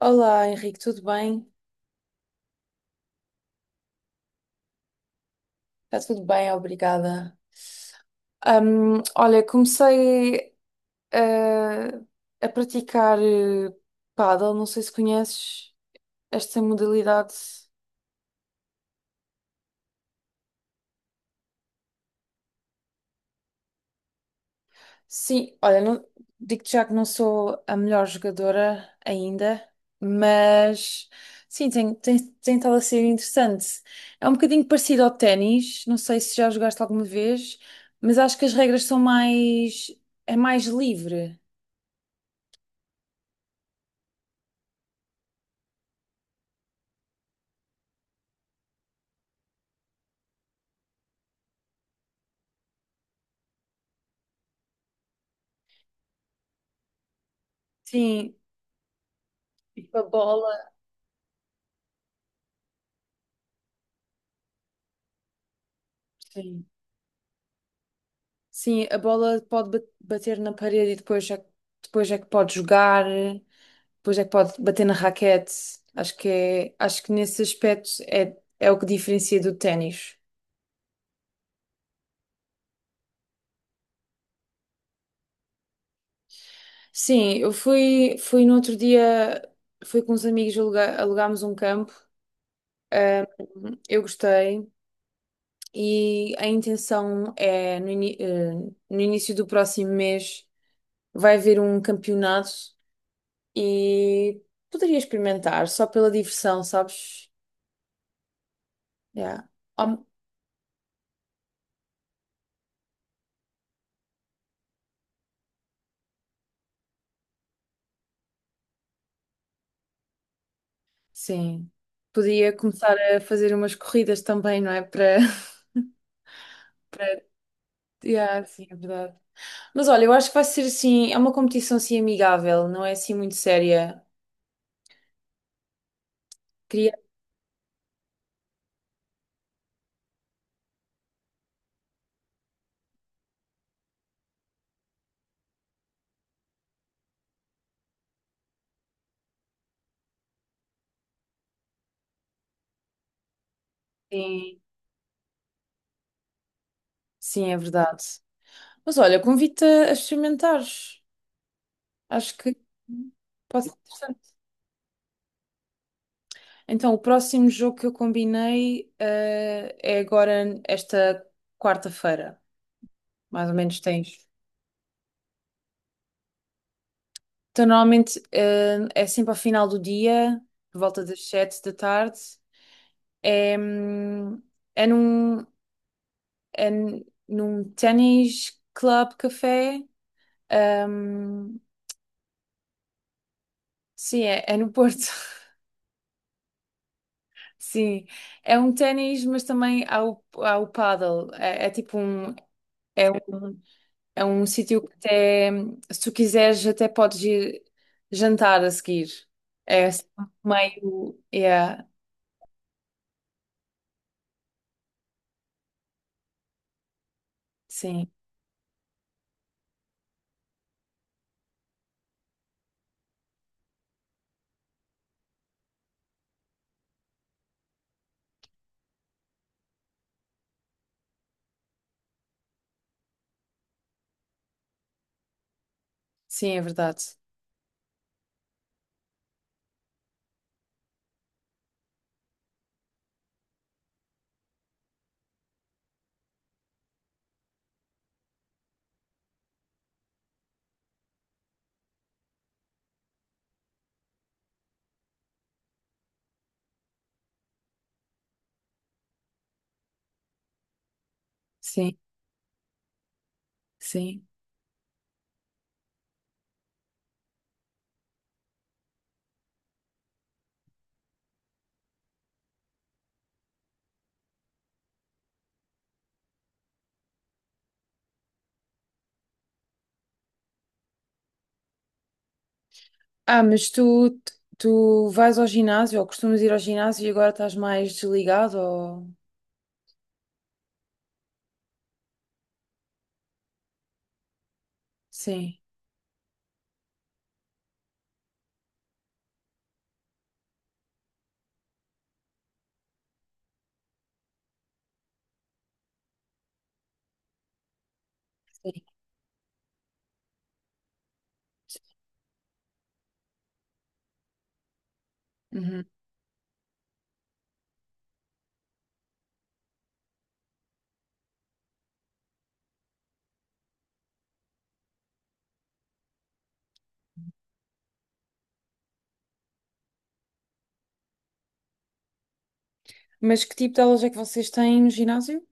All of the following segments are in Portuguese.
Olá, Henrique, tudo bem? Está tudo bem, obrigada. Olha, comecei eh, a praticar pádel, não sei se conheces esta modalidade. Sim, olha, digo-te já que não sou a melhor jogadora ainda, mas sim, tem estado a ser interessante. É um bocadinho parecido ao ténis, não sei se já jogaste alguma vez, mas acho que as regras são mais, é mais livre. Sim, tipo a bola. Sim. Sim, a bola pode bater na parede e depois é que pode jogar, depois é que pode bater na raquete. Acho que nesse aspecto é o que diferencia do ténis. Sim, eu fui no outro dia, fui com uns amigos, alugámos um campo. Eu gostei e a intenção é no início do próximo mês vai haver um campeonato e poderia experimentar só pela diversão, sabes? Yeah. Hom- Sim. Podia começar a fazer umas corridas também, não é? Para, para. Yeah, sim, é verdade. Mas olha, eu acho que vai ser assim, é uma competição assim amigável, não é assim muito séria. Queria Assim, sim, é verdade. Mas olha, convido-te a experimentares. Acho que pode ser interessante. Então, o próximo jogo que eu combinei, é agora esta quarta-feira. Mais ou menos tens. Então, normalmente, é sempre ao final do dia, por volta das 7 da tarde. É, hum, é num, num ténis club café. Hum, sim, é no Porto. Sim, é um ténis, mas também há o paddle. É um, é um sítio que até, se tu quiseres, até podes ir jantar a seguir. É assim, meio, yeah, sim. Sim, é verdade. Sim, sim. Ah, mas tu vais ao ginásio ou costumas ir ao ginásio e agora estás mais desligado ou... Sim, sim. Uhum. Mas que tipo de aulas é que vocês têm no ginásio?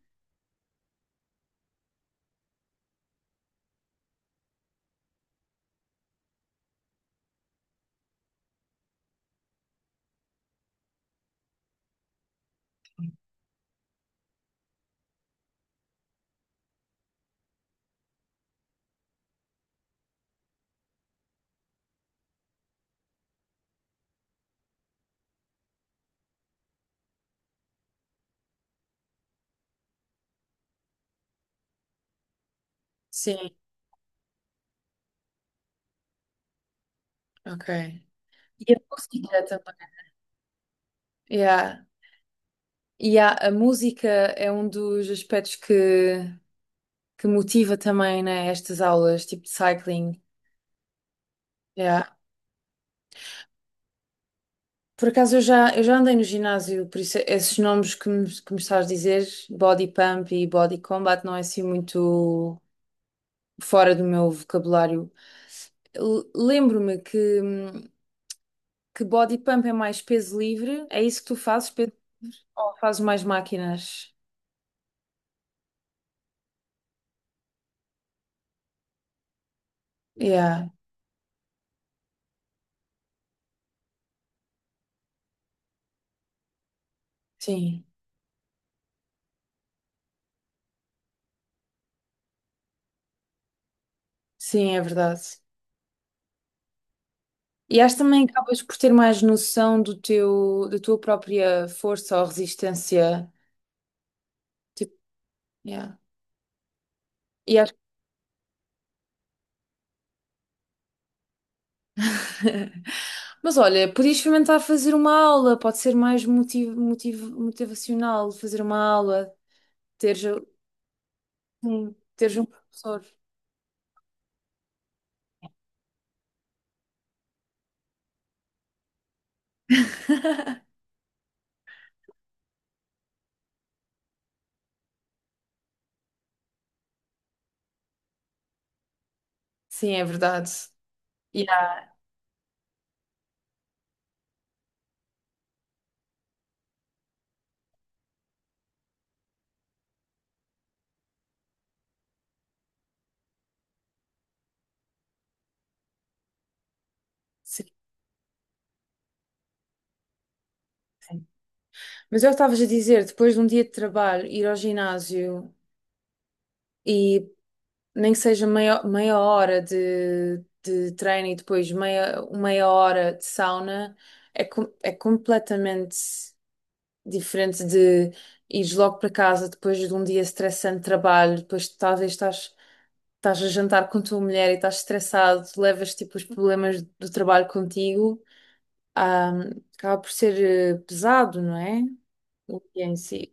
Sim, ok. E a música também. Yeah. E a música é um dos aspectos que motiva também, né, estas aulas, tipo de cycling. Yeah. Por acaso eu já andei no ginásio, por isso esses nomes que me estás a dizer, body pump e body combat, não é assim muito fora do meu vocabulário. Lembro-me que body pump é mais peso livre, é isso que tu fazes, peso, ou fazes mais máquinas? Yeah, sim, sim, é verdade. E acho também que acabas por ter mais noção do teu, da tua própria força ou resistência. Tipo, yeah. E acho. Mas olha, podias experimentar fazer uma aula, pode ser mais motivacional fazer uma aula, teres, teres um professor. Sim, é verdade. Yeah, sim, sim. Mas eu estavas a dizer, depois de um dia de trabalho, ir ao ginásio e nem que seja meia hora de treino e depois meia hora de sauna, é completamente diferente de ires logo para casa depois de um dia estressante de trabalho, depois talvez estás a jantar com a tua mulher e estás estressado, levas tipo os problemas do trabalho contigo, ah, acaba por ser pesado, não é? O dia em si.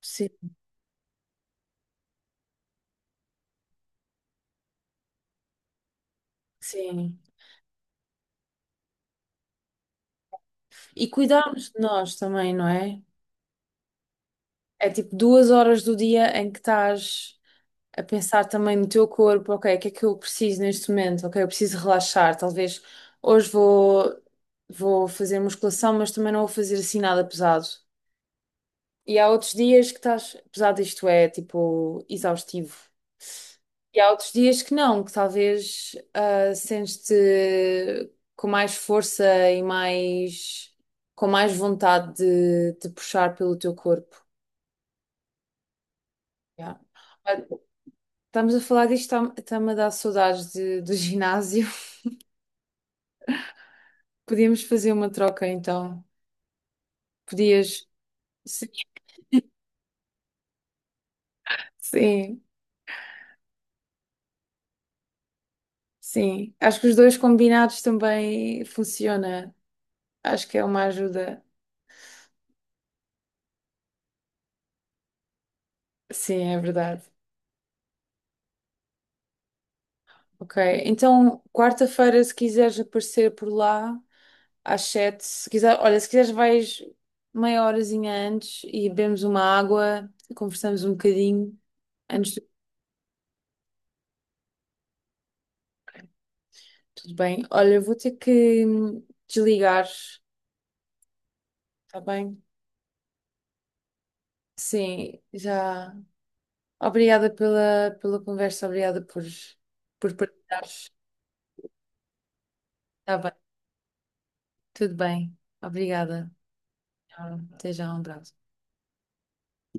Sim, sim. E cuidarmos de nós também, não é? É tipo 2 horas do dia em que estás a pensar também no teu corpo, ok, o que é que eu preciso neste momento? Ok, eu preciso relaxar, talvez hoje vou fazer musculação, mas também não vou fazer assim nada pesado. E há outros dias que estás, apesar disto é tipo exaustivo. E há outros dias que não, que talvez sentes-te com mais força e mais com mais vontade de te puxar pelo teu corpo. Yeah. Ah, estamos a falar disto, está-me a dar saudades do ginásio. Podíamos fazer uma troca então. Podias. Sim, sim, sim. Acho que os dois combinados também funciona. Acho que é uma ajuda. Sim, é verdade. Ok. Então, quarta-feira, se quiseres aparecer por lá, às 7, se quiser, olha, se quiseres vais meia horazinha antes e bebemos uma água, conversamos um bocadinho antes do... Tudo bem. Olha, eu vou ter que desligar, está bem? Sim, já. Obrigada pela conversa, obrigada por partilhares. Está bem, tudo bem. Obrigada. Tchau. Até já, um abraço.